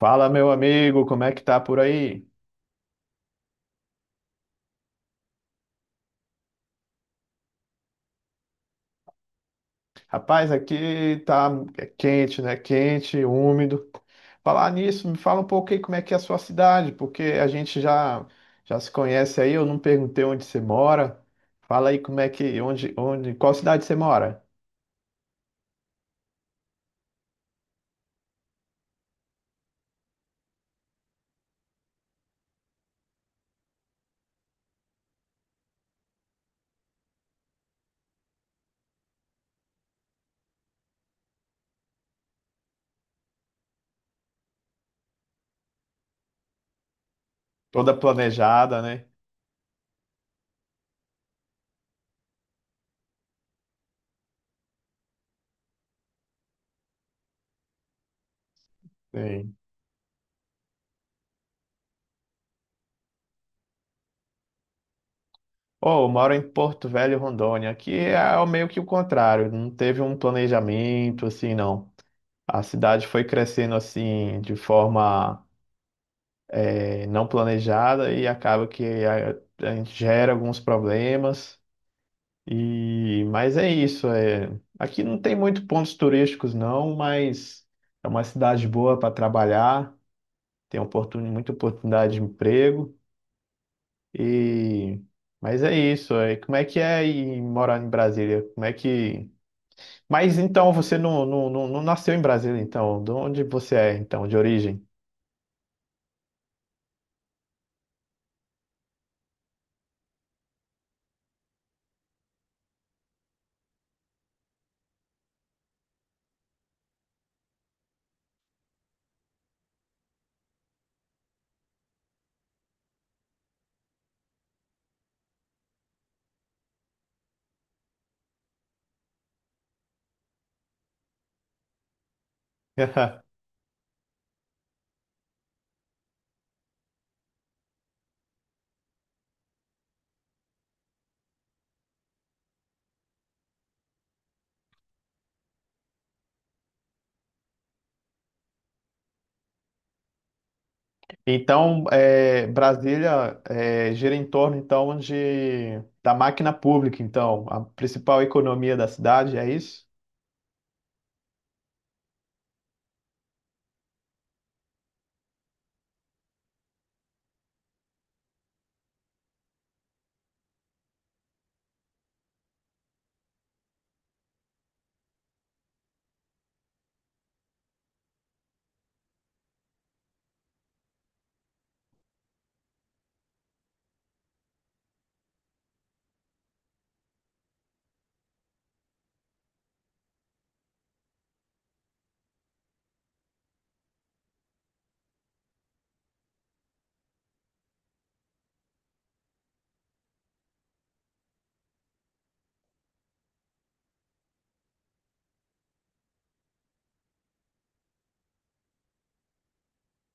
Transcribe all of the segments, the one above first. Fala, meu amigo, como é que tá por aí? Rapaz, aqui tá é quente, né? Quente, úmido. Falar nisso, me fala um pouco aí como é que é a sua cidade, porque a gente já se conhece aí, eu não perguntei onde você mora. Fala aí como é que, onde, qual cidade você mora? Toda planejada, né? Sim. Oh, eu moro em Porto Velho, Rondônia. Aqui é meio que o contrário, não teve um planejamento assim, não. A cidade foi crescendo assim de forma não planejada e acaba que a gente gera alguns problemas. E mas é isso, é, aqui não tem muito pontos turísticos não, mas é uma cidade boa para trabalhar, tem muita oportunidade de emprego e mas é isso, é, como é que é ir morar em Brasília? Como é que mas então você não nasceu em Brasília então, de onde você é então, de origem? Então, é, Brasília é, gira em torno então de da máquina pública. Então, a principal economia da cidade é isso.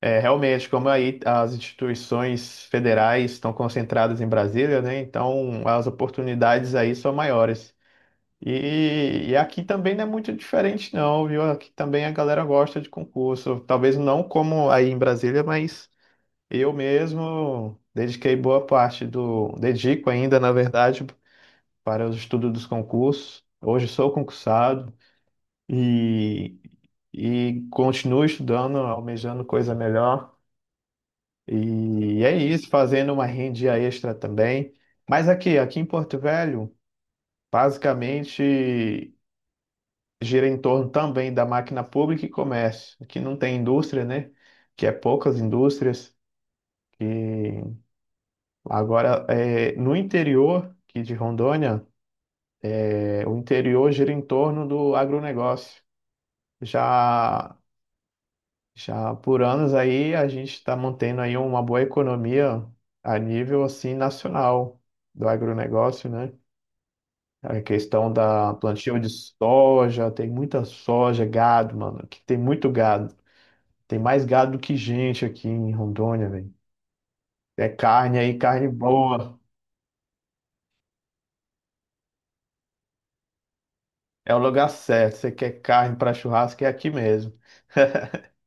É, realmente, como aí as instituições federais estão concentradas em Brasília, né? Então, as oportunidades aí são maiores. E aqui também não é muito diferente, não, viu? Aqui também a galera gosta de concurso. Talvez não como aí em Brasília, mas eu mesmo dediquei boa parte do, dedico ainda, na verdade, para os estudos dos concursos. Hoje sou concursado e, e continuo estudando, almejando coisa melhor. E é isso, fazendo uma rendia extra também. Mas aqui, aqui em Porto Velho, basicamente gira em torno também da máquina pública e comércio. Aqui não tem indústria, né? Que é poucas indústrias. E agora, é, no interior aqui de Rondônia, é, o interior gira em torno do agronegócio. Já Já por anos aí a gente está mantendo aí uma boa economia a nível assim nacional do agronegócio, né? A questão da plantio de soja, tem muita soja, gado, mano, aqui tem muito gado. Tem mais gado do que gente aqui em Rondônia, velho. É carne aí, carne boa. É o lugar certo. Você quer carne para churrasco, é aqui mesmo.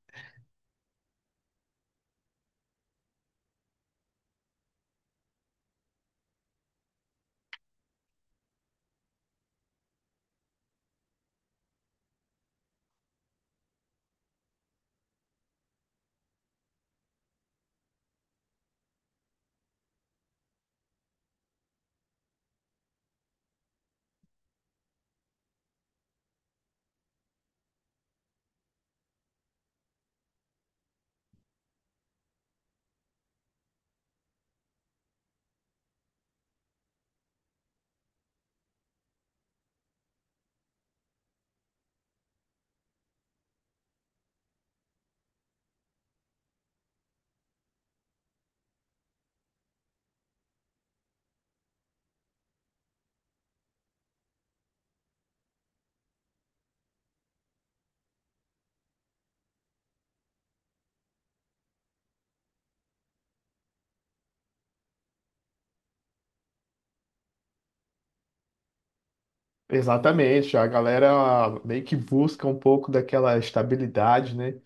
Exatamente, a galera meio que busca um pouco daquela estabilidade, né?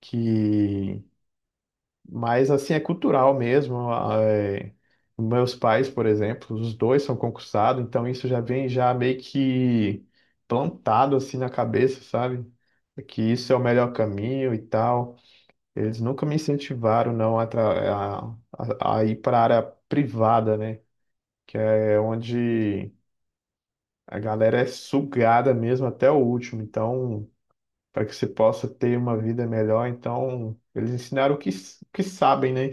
Que mas assim é cultural mesmo. Ah, é. Meus pais, por exemplo, os dois são concursados, então isso já vem já meio que plantado assim na cabeça, sabe? É que isso é o melhor caminho e tal. Eles nunca me incentivaram não a, a ir para a área privada, né? Que é onde a galera é sugada mesmo até o último. Então, para que você possa ter uma vida melhor, então eles ensinaram o que, o que sabem, né?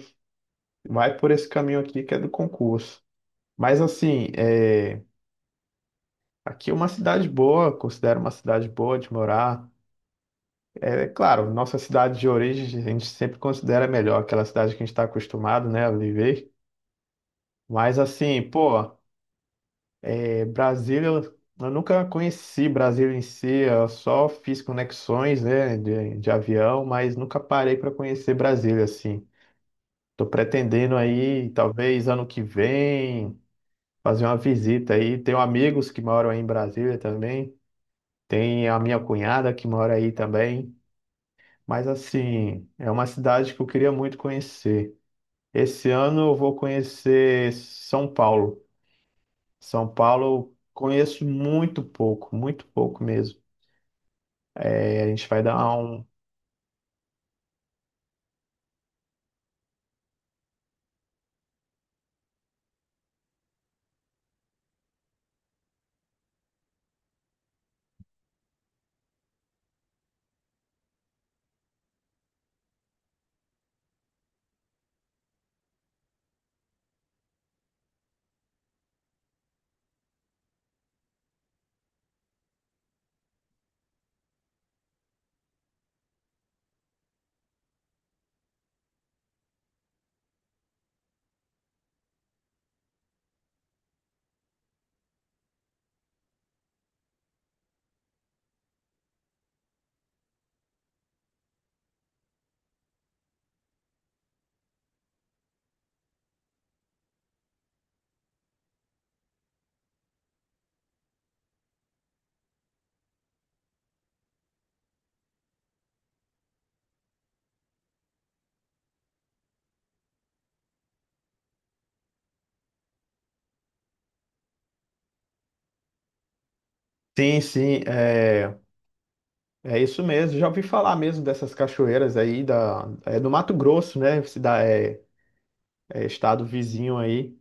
Vai por esse caminho aqui que é do concurso. Mas assim, é, aqui é uma cidade boa, considero uma cidade boa de morar. É claro, nossa cidade de origem a gente sempre considera melhor, aquela cidade que a gente está acostumado, né, a viver. Mas assim, pô, é, Brasília, eu nunca conheci Brasília em si, eu só fiz conexões, né, de avião, mas nunca parei para conhecer Brasília, assim. Tô pretendendo aí, talvez ano que vem, fazer uma visita aí. Tenho amigos que moram aí em Brasília também. Tem a minha cunhada que mora aí também. Mas assim, é uma cidade que eu queria muito conhecer. Esse ano eu vou conhecer São Paulo. São Paulo eu conheço muito pouco mesmo. É, a gente vai dar um. Sim, sim, é, é isso mesmo. Já ouvi falar mesmo dessas cachoeiras aí da, é do Mato Grosso, né? É, é estado vizinho aí.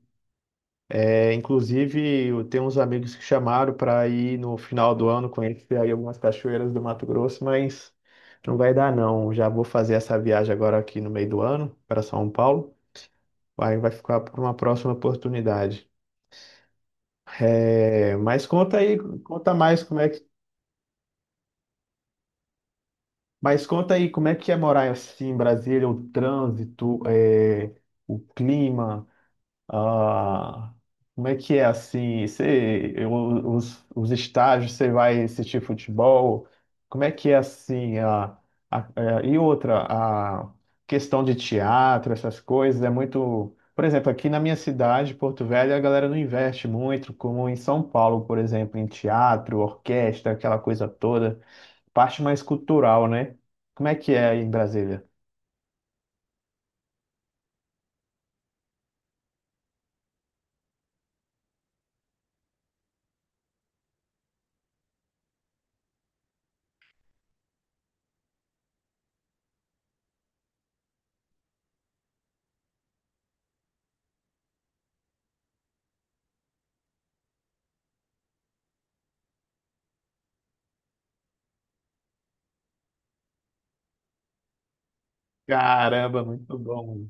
É, inclusive, eu tenho uns amigos que chamaram para ir no final do ano conhecer aí algumas cachoeiras do Mato Grosso, mas não vai dar não. Já vou fazer essa viagem agora aqui no meio do ano para São Paulo. Aí vai ficar para uma próxima oportunidade. É, mas conta aí, conta mais como é que, mas conta aí como é que é morar assim em Brasília, o trânsito, é, o clima. Ah, como é que é assim? Você, os estágios, você vai assistir futebol? Como é que é assim? É, e outra, a questão de teatro, essas coisas, é muito. Por exemplo, aqui na minha cidade, Porto Velho, a galera não investe muito, como em São Paulo, por exemplo, em teatro, orquestra, aquela coisa toda, parte mais cultural, né? Como é que é aí em Brasília? Caramba, muito bom.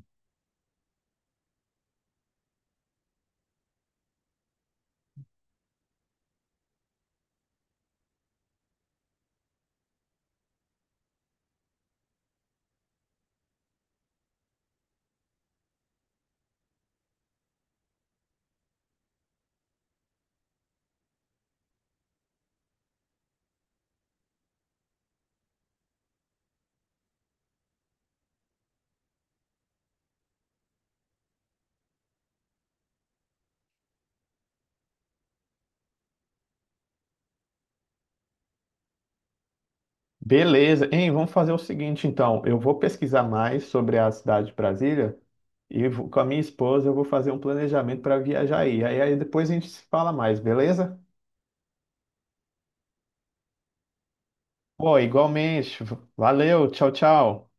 Beleza. Hein, vamos fazer o seguinte, então. Eu vou pesquisar mais sobre a cidade de Brasília e com a minha esposa eu vou fazer um planejamento para viajar aí. Aí depois a gente se fala mais, beleza? Pô, igualmente. Valeu, tchau, tchau.